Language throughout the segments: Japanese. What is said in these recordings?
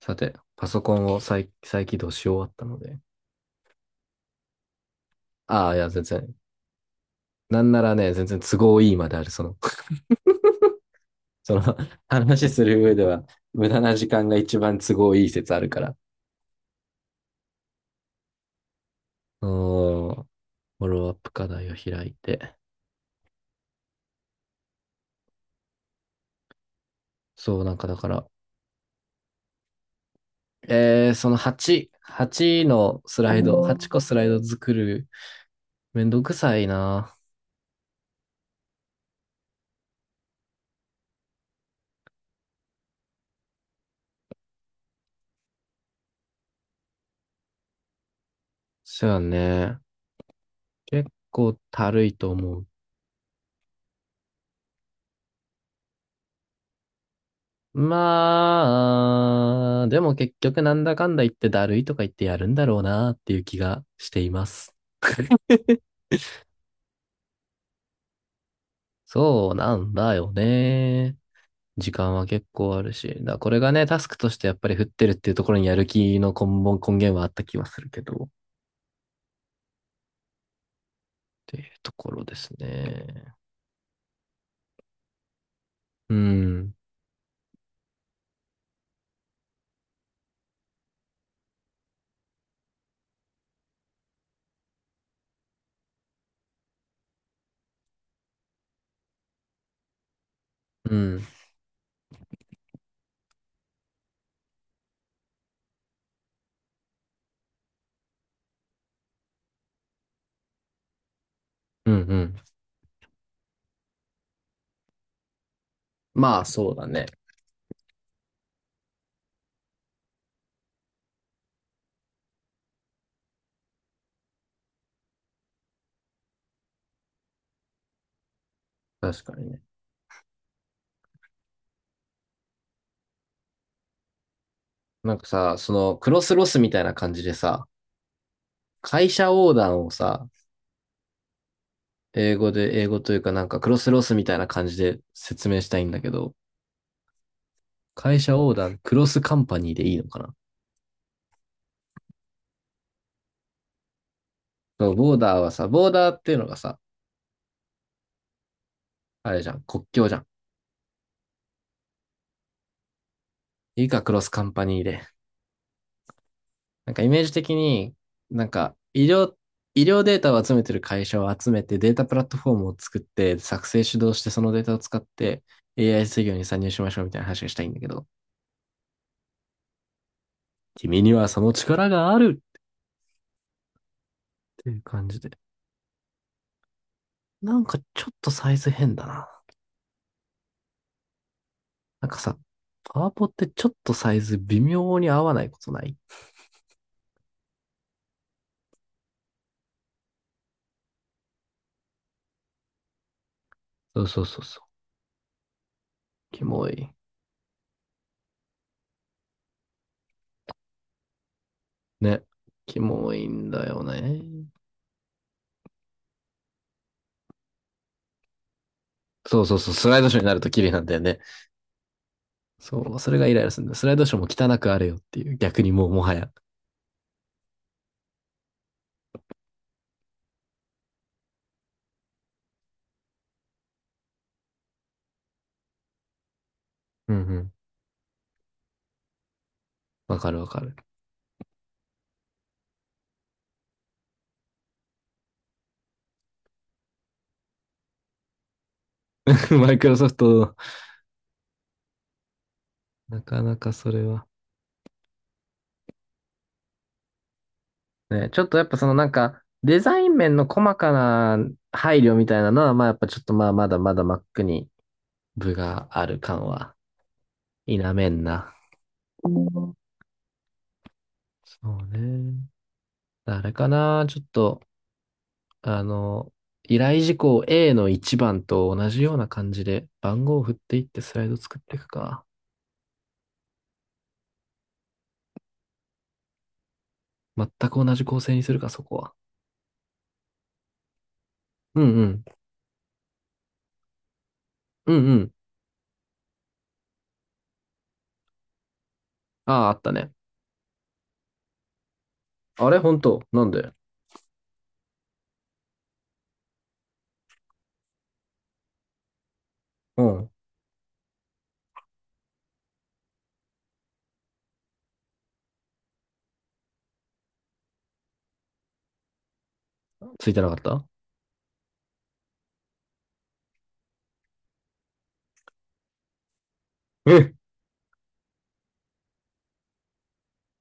さて、パソコンを再再起動し終わったので。ああ、いや、全然。なんならね、全然都合いいまである。その、話する上では、無駄な時間が一番都合いい説あるから。うーん、フォローアップ課題を開いて。そう、なんかだから、8個スライド作る、めんどくさいな。そうやね。結構たるいと思う。まあ、でも結局なんだかんだ言ってだるいとか言ってやるんだろうなっていう気がしています。そうなんだよね。時間は結構あるし。だからこれがね、タスクとしてやっぱり振ってるっていうところにやる気の根本、根源はあった気はするけど。っていうところですね。うん。うん。うんうん。まあ、そうだね。確かにね。なんかさ、その、クロスロスみたいな感じでさ、会社横断をさ、英語というかなんかクロスロスみたいな感じで説明したいんだけど、会社オーダー、クロスカンパニーでいいのかな？そうボーダーはさ、ボーダーっていうのがさ、あれじゃん、国境じゃん。いいか、クロスカンパニーで。なんかイメージ的に、なんか医療、医療データを集めてる会社を集めてデータプラットフォームを作って作成主導してそのデータを使って AI 制御に参入しましょうみたいな話がしたいんだけど、君にはその力があるっていう感じで。なんかちょっとサイズ変だな。なんかさ、パワポってちょっとサイズ微妙に合わないことない？そうそうそうそうキモい。ね。キモいんだよね。そうそうそう。スライドショーになると綺麗なんだよね。そう、それがイライラするんだ。スライドショーも汚くあれよっていう、逆にもうもはや。うんうんわかるわかる。マイクロソフト、なかなかそれは。ね、ちょっとやっぱそのなんか、デザイン面の細かな配慮みたいなのは、まあやっぱちょっとまあまだまだ Mac に部がある感は否めんな。うんそうね。あれかな、ちょっと、あの、依頼事項 A の1番と同じような感じで番号を振っていってスライド作っていくか。全く同じ構成にするか、そこは。うんうん。うんうん。ああ、あったね。あれ本当なんで？うん。ついてなかった？え、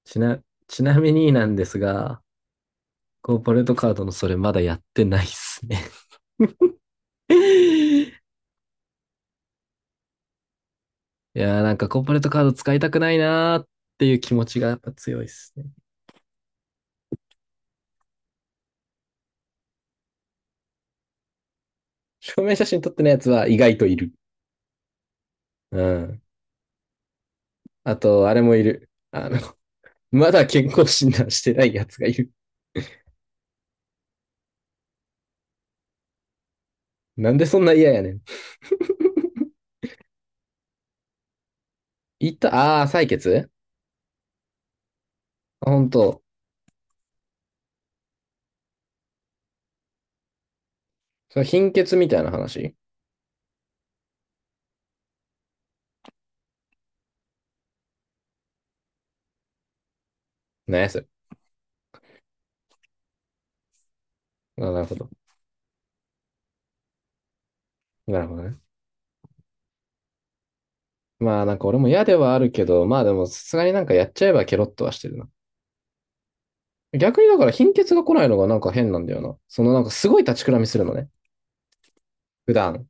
ちな、ちなみになんですが、コーポレートカードのそれまだやってないっすね。いやーなんかコーポレートカード使いたくないなーっていう気持ちがやっぱ強いっすね。証明写真撮ってないやつは意外といる。うん。あと、あれもいる。あの、まだ健康診断してないやつがいる。なんでそんな嫌やねん。いた、採血。あ、ほんと。その貧血みたいな話。何やそれ。あ、なるほど。なるほどね。まあなんか俺も嫌ではあるけど、まあでもさすがになんかやっちゃえばケロッとはしてるな。逆にだから貧血が来ないのがなんか変なんだよな。そのなんかすごい立ちくらみするのね。普段。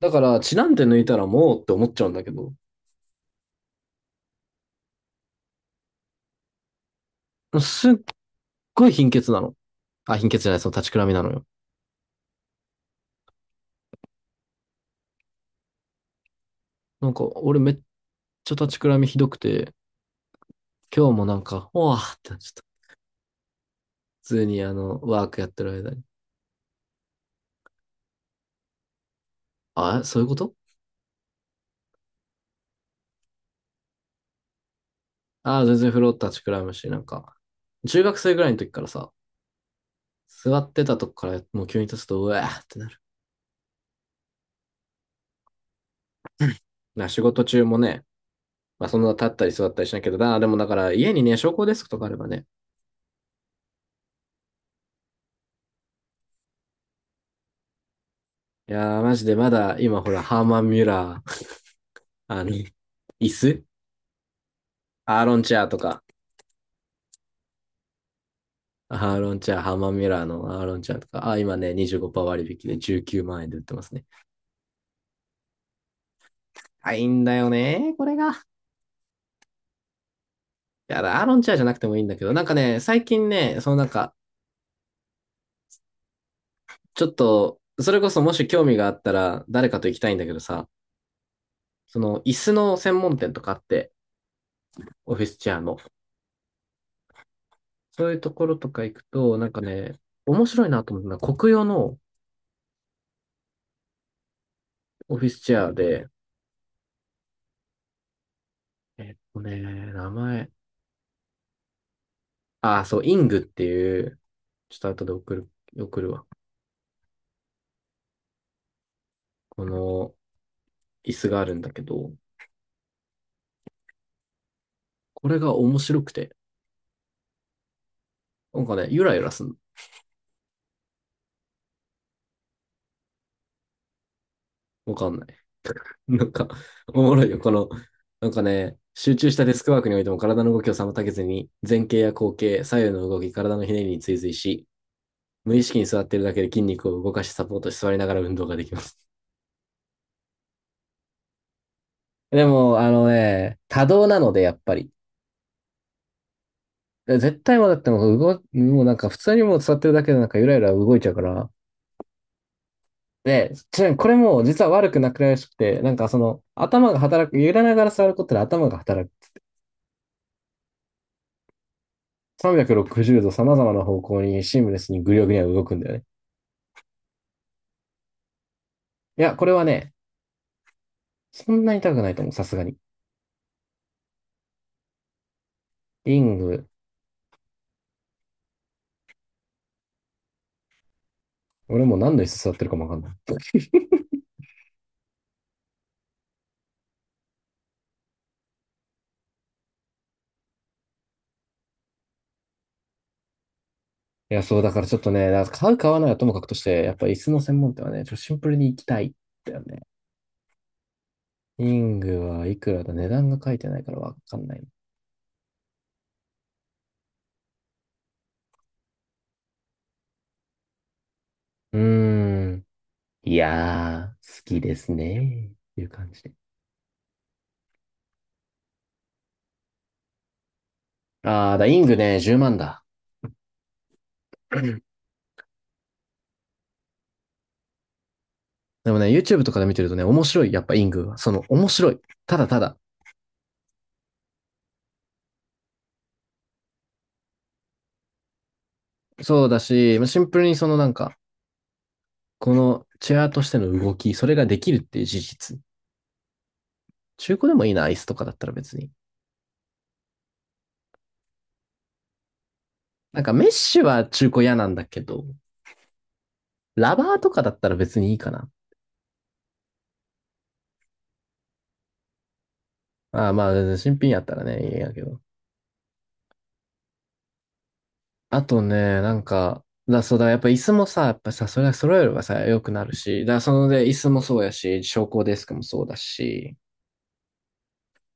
だから血なんて抜いたらもうって思っちゃうんだけど、すっごい貧血なの。あ、貧血じゃない、その立ちくらみなのよ。なんか、俺めっちゃ立ちくらみひどくて、今日もなんか、おわーってなっちゃった。普通にあの、ワークやってる間に。あ、そういうこと？あ、全然風呂立ちくらむし、なんか、中学生ぐらいの時からさ、座ってたとこからもう急に立つと、うわーってなる。な、仕事中もね、まあそんな立ったり座ったりしないけど、でもだから家にね、昇降デスクとかあればね、いやー、マジでまだ今ほら、ハーマン・ミュラー、あの、椅子アーロンチェアとか、アーロンチャーハーマンミュラーのアーロンチャーとか、あ、今ね、25%割引で19万円で売ってますね。あ、いいんだよね、これが。いや、アーロンチャーじゃなくてもいいんだけど、なんかね、最近ね、そのなんか、ちょっと、それこそもし興味があったら、誰かと行きたいんだけどさ、その、椅子の専門店とかあって、オフィスチェアの。そういうところとか行くと、なんかね、面白いなと思うのは、国用のオフィスチェアで、えっとね、名前、あ、そう、イングっていう、ちょっと後で送る、送るわ。この、椅子があるんだけど、これが面白くて、なんかね、ゆらゆらすんの。わかんない。なんか、おもろいよ。この、なんかね、集中したデスクワークにおいても体の動きを妨げずに、前傾や後傾、左右の動き、体のひねりに追随し、無意識に座ってるだけで筋肉を動かしサポートし座りながら運動ができます。でも、あのね、多動なので、やっぱり。絶対もだってもう動、もうなんか普通にもう座ってるだけでなんかゆらゆら動いちゃうから、で、ちなみにこれも実は悪くなくらいしくて、なんかその頭が働く、揺らながら座ることで頭が働く。360度様々な方向にシームレスにぐりょぐりょ動くんだよね。いや、これはね、そんなに痛くないと思う、さすがに。リング、俺もう何の椅子座ってるかもわかんない。いや、そう、だからちょっとね、だから買う買わないはともかくとして、やっぱ椅子の専門店はね、ちょっとシンプルに行きたいんだよね。リングはいくらだ、値段が書いてないからわかんない。うーん。いやー、好きですね。っていう感じで。ああ、イングね、10万だ。でもね、YouTube とかで見てるとね、面白い。やっぱイングは。その、面白い。ただただ。そうだし、まあシンプルにそのなんか、このチェアとしての動き、それができるっていう事実。中古でもいいな、アイスとかだったら別に。なんかメッシは中古嫌なんだけど、ラバーとかだったら別にいいかな。ああ、まあ、新品やったらね、いいやけど。あとね、なんか、そうだ、やっぱ椅子もさ、やっぱさ、それは揃えればさ、良くなるし、そので、椅子もそうやし、昇降デスクもそうだし、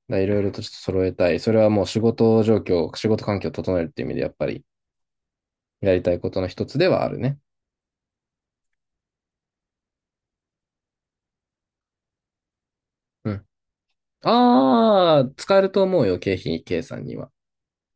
だからいろいろとちょっと揃えたい。それはもう仕事状況、仕事環境を整えるっていう意味で、やっぱりやりたいことの一つではあるね。うん。ああ、使えると思うよ、経費計算には。